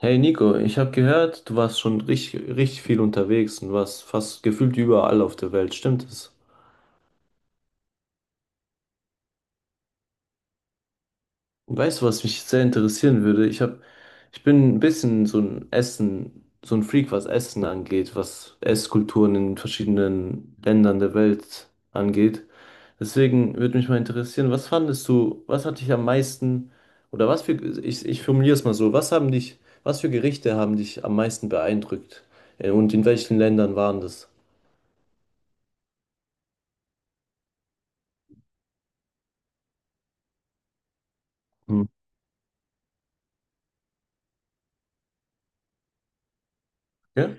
Hey Nico, ich habe gehört, du warst schon richtig, richtig viel unterwegs und warst fast gefühlt überall auf der Welt, stimmt es? Und weißt du, was mich sehr interessieren würde? Ich bin ein bisschen so ein Essen, so ein Freak, was Essen angeht, was Esskulturen in verschiedenen Ländern der Welt angeht. Deswegen würde mich mal interessieren, was fandest du, was hat dich am meisten, oder was für, ich formuliere es mal so, was haben dich, was für Gerichte haben dich am meisten beeindruckt? Und in welchen Ländern waren das? Hm. Ja?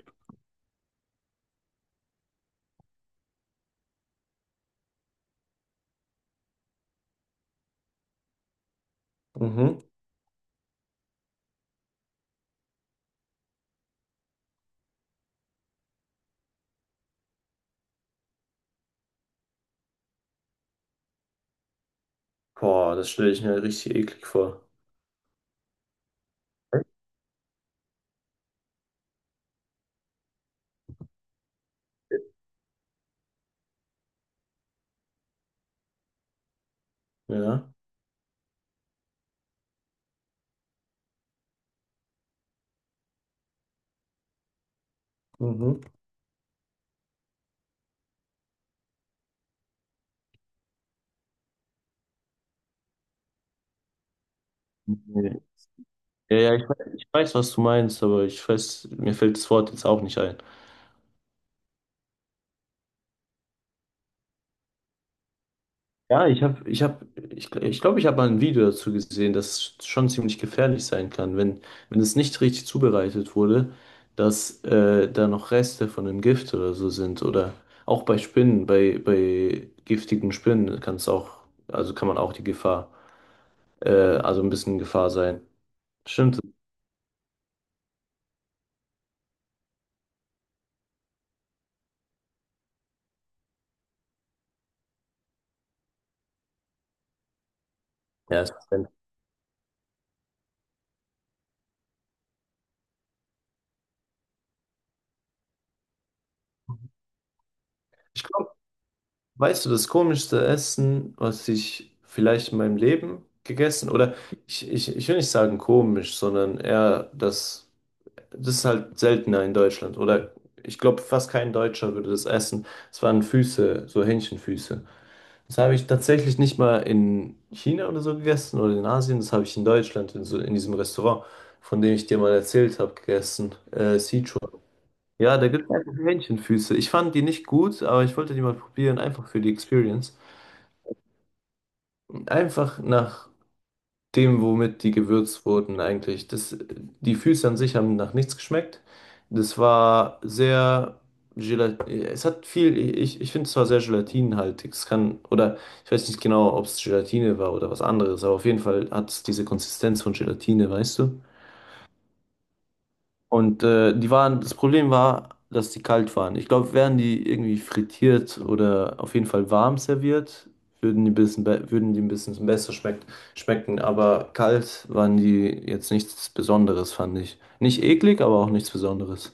Mhm. Boah, das stelle ich mir richtig eklig vor. Ja. Mhm. Nee. Ja, ja, ich weiß, was du meinst, aber ich weiß, mir fällt das Wort jetzt auch nicht ein. Ja, ich glaube, ich habe mal ein Video dazu gesehen, dass es schon ziemlich gefährlich sein kann, wenn, wenn es nicht richtig zubereitet wurde, dass da noch Reste von einem Gift oder so sind. Oder auch bei Spinnen, bei giftigen Spinnen kann es auch, also kann man auch die Gefahr, äh, also ein bisschen Gefahr sein. Stimmt. Ja, es ist. Ich glaube, weißt du, das komischste Essen, was ich vielleicht in meinem Leben gegessen, oder ich will nicht sagen komisch, sondern eher das, das ist halt seltener in Deutschland. Oder ich glaube, fast kein Deutscher würde das essen. Es waren Füße, so Hähnchenfüße. Das habe ich tatsächlich nicht mal in China oder so gegessen oder in Asien. Das habe ich in Deutschland, in, so, in diesem Restaurant, von dem ich dir mal erzählt habe, gegessen. Ja, da gibt es einfach Hähnchenfüße. Ich fand die nicht gut, aber ich wollte die mal probieren, einfach für die Experience. Einfach nach dem, womit die gewürzt wurden eigentlich. Das, die Füße an sich haben nach nichts geschmeckt. Das war sehr Gelat, es hat viel, ich finde es zwar sehr gelatinhaltig, es kann, oder ich weiß nicht genau, ob es Gelatine war oder was anderes, aber auf jeden Fall hat es diese Konsistenz von Gelatine, weißt du? Und die waren, das Problem war, dass die kalt waren. Ich glaube, wären die irgendwie frittiert oder auf jeden Fall warm serviert, würden die ein bisschen, würden die ein bisschen besser schmeckt, schmecken. Aber kalt waren die jetzt nichts Besonderes, fand ich. Nicht eklig, aber auch nichts Besonderes.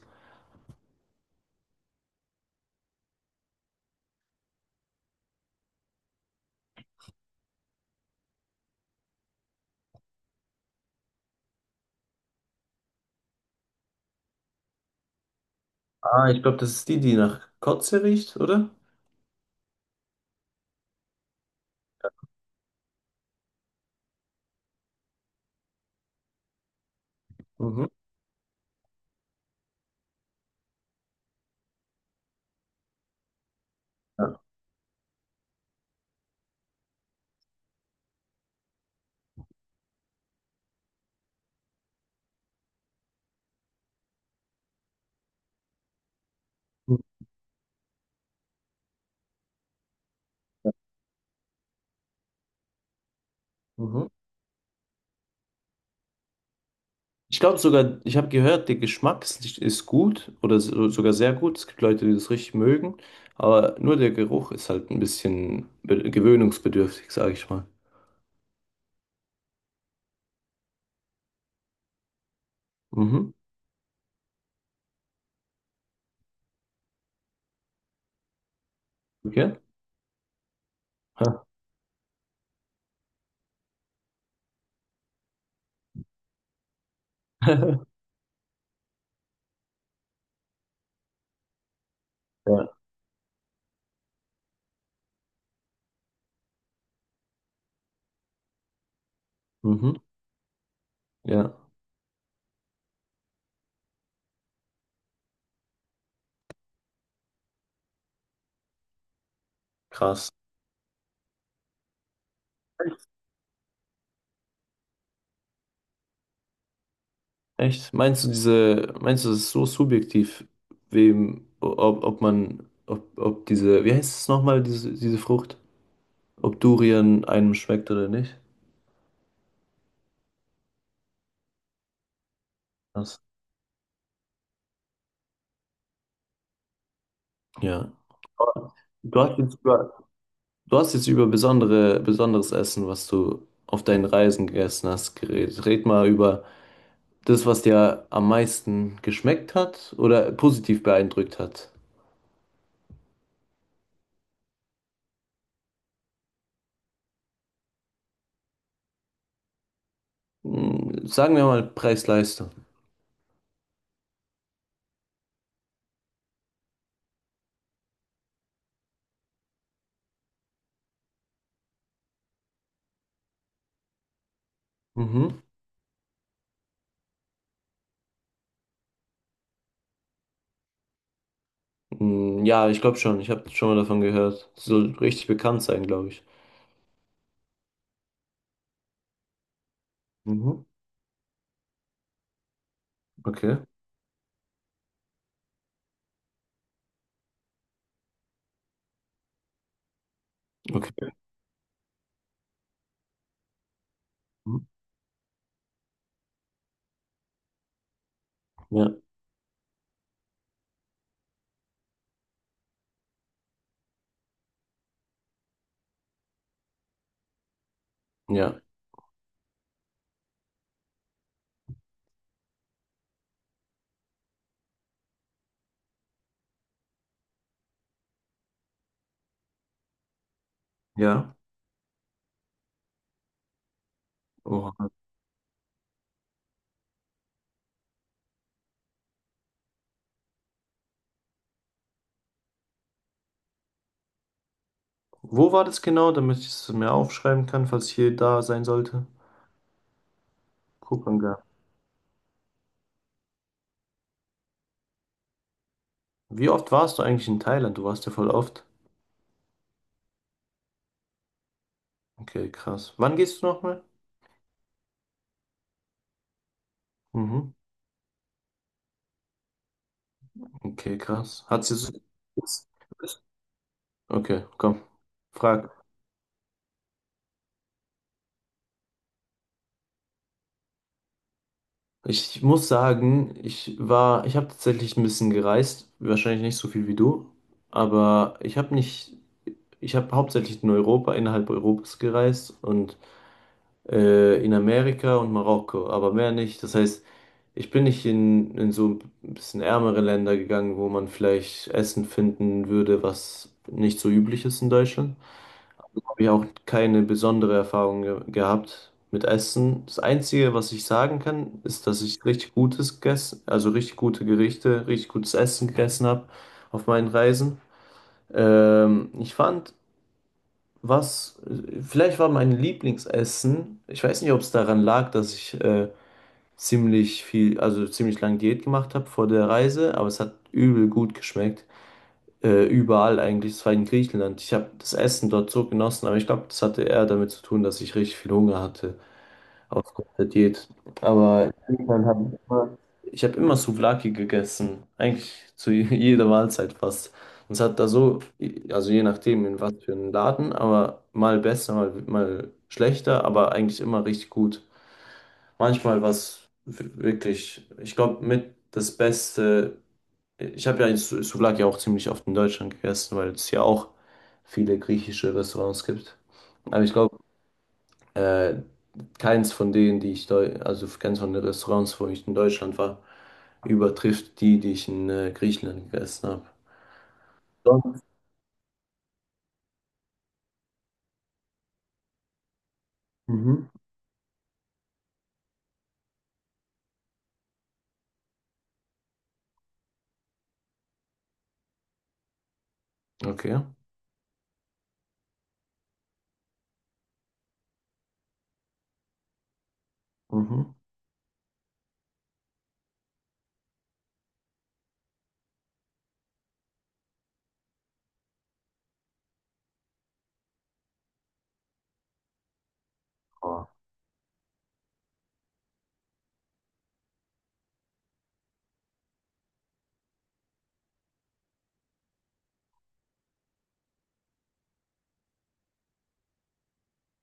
Ah, ich glaube, das ist die, die nach Kotze riecht, oder? Mhm. Ja. Mhm. Ich glaube sogar, ich habe gehört, der Geschmack ist, ist gut oder so, sogar sehr gut. Es gibt Leute, die das richtig mögen, aber nur der Geruch ist halt ein bisschen gewöhnungsbedürftig, sage ich mal. Mhm. Okay. Ha. Ja. Mhm. Ja. Krass. Echt? Meinst du diese, meinst du, das ist so subjektiv, wem, ob, ob man, ob, ob diese, wie heißt es nochmal, diese Frucht? Ob Durian einem schmeckt oder nicht? Krass. Ja. Du hast jetzt, du hast jetzt über besondere, besonderes Essen, was du auf deinen Reisen gegessen hast, geredet. Red mal über das, was dir am meisten geschmeckt hat oder positiv beeindruckt hat. Hm, sagen wir mal Preis-Leistung. Mhm. Hm, ja, ich glaube schon. Ich habe schon mal davon gehört. Soll richtig bekannt sein, glaube ich. Mhm. Okay. Okay. Mhm. Ja. Ja. Ja. Oha. Wo war das genau, damit ich es mir aufschreiben kann, falls ich hier da sein sollte? Gucken. Wie oft warst du eigentlich in Thailand? Du warst ja voll oft. Okay, krass. Wann gehst du nochmal? Mhm. Okay, krass. Hat's dir so? Okay, komm. Frag. Ich muss sagen, ich war, ich habe tatsächlich ein bisschen gereist, wahrscheinlich nicht so viel wie du, aber ich habe nicht, ich habe hauptsächlich in Europa, innerhalb Europas gereist und in Amerika und Marokko, aber mehr nicht. Das heißt, ich bin nicht in so ein bisschen ärmere Länder gegangen, wo man vielleicht Essen finden würde, was nicht so üblich ist in Deutschland. Habe ich auch keine besondere Erfahrung ge gehabt mit Essen. Das Einzige, was ich sagen kann, ist, dass ich richtig gutes gegessen, also richtig gute Gerichte, richtig gutes Essen gegessen habe auf meinen Reisen. Ich fand was, vielleicht war mein Lieblingsessen, ich weiß nicht, ob es daran lag, dass ich ziemlich viel, also ziemlich lange Diät gemacht habe vor der Reise, aber es hat übel gut geschmeckt. Überall eigentlich, es war in Griechenland. Ich habe das Essen dort so genossen, aber ich glaube, das hatte eher damit zu tun, dass ich richtig viel Hunger hatte. Ausgerüstet geht. Aber in Griechenland habe ich immer, ich habe immer Souvlaki gegessen. Eigentlich zu jeder Mahlzeit fast. Und es hat da so, also je nachdem in was für einen Laden, aber mal besser, mal, mal schlechter, aber eigentlich immer richtig gut. Manchmal was wirklich, ich glaube, mit das Beste. Ich habe ja Souvlaki auch ziemlich oft in Deutschland gegessen, weil es ja auch viele griechische Restaurants gibt. Aber ich glaube, äh, keins von denen, die ich, also keins von den Restaurants, wo ich in Deutschland war, übertrifft die, die ich in Griechenland gegessen habe. Sonst- Mhm. Okay. Mhm.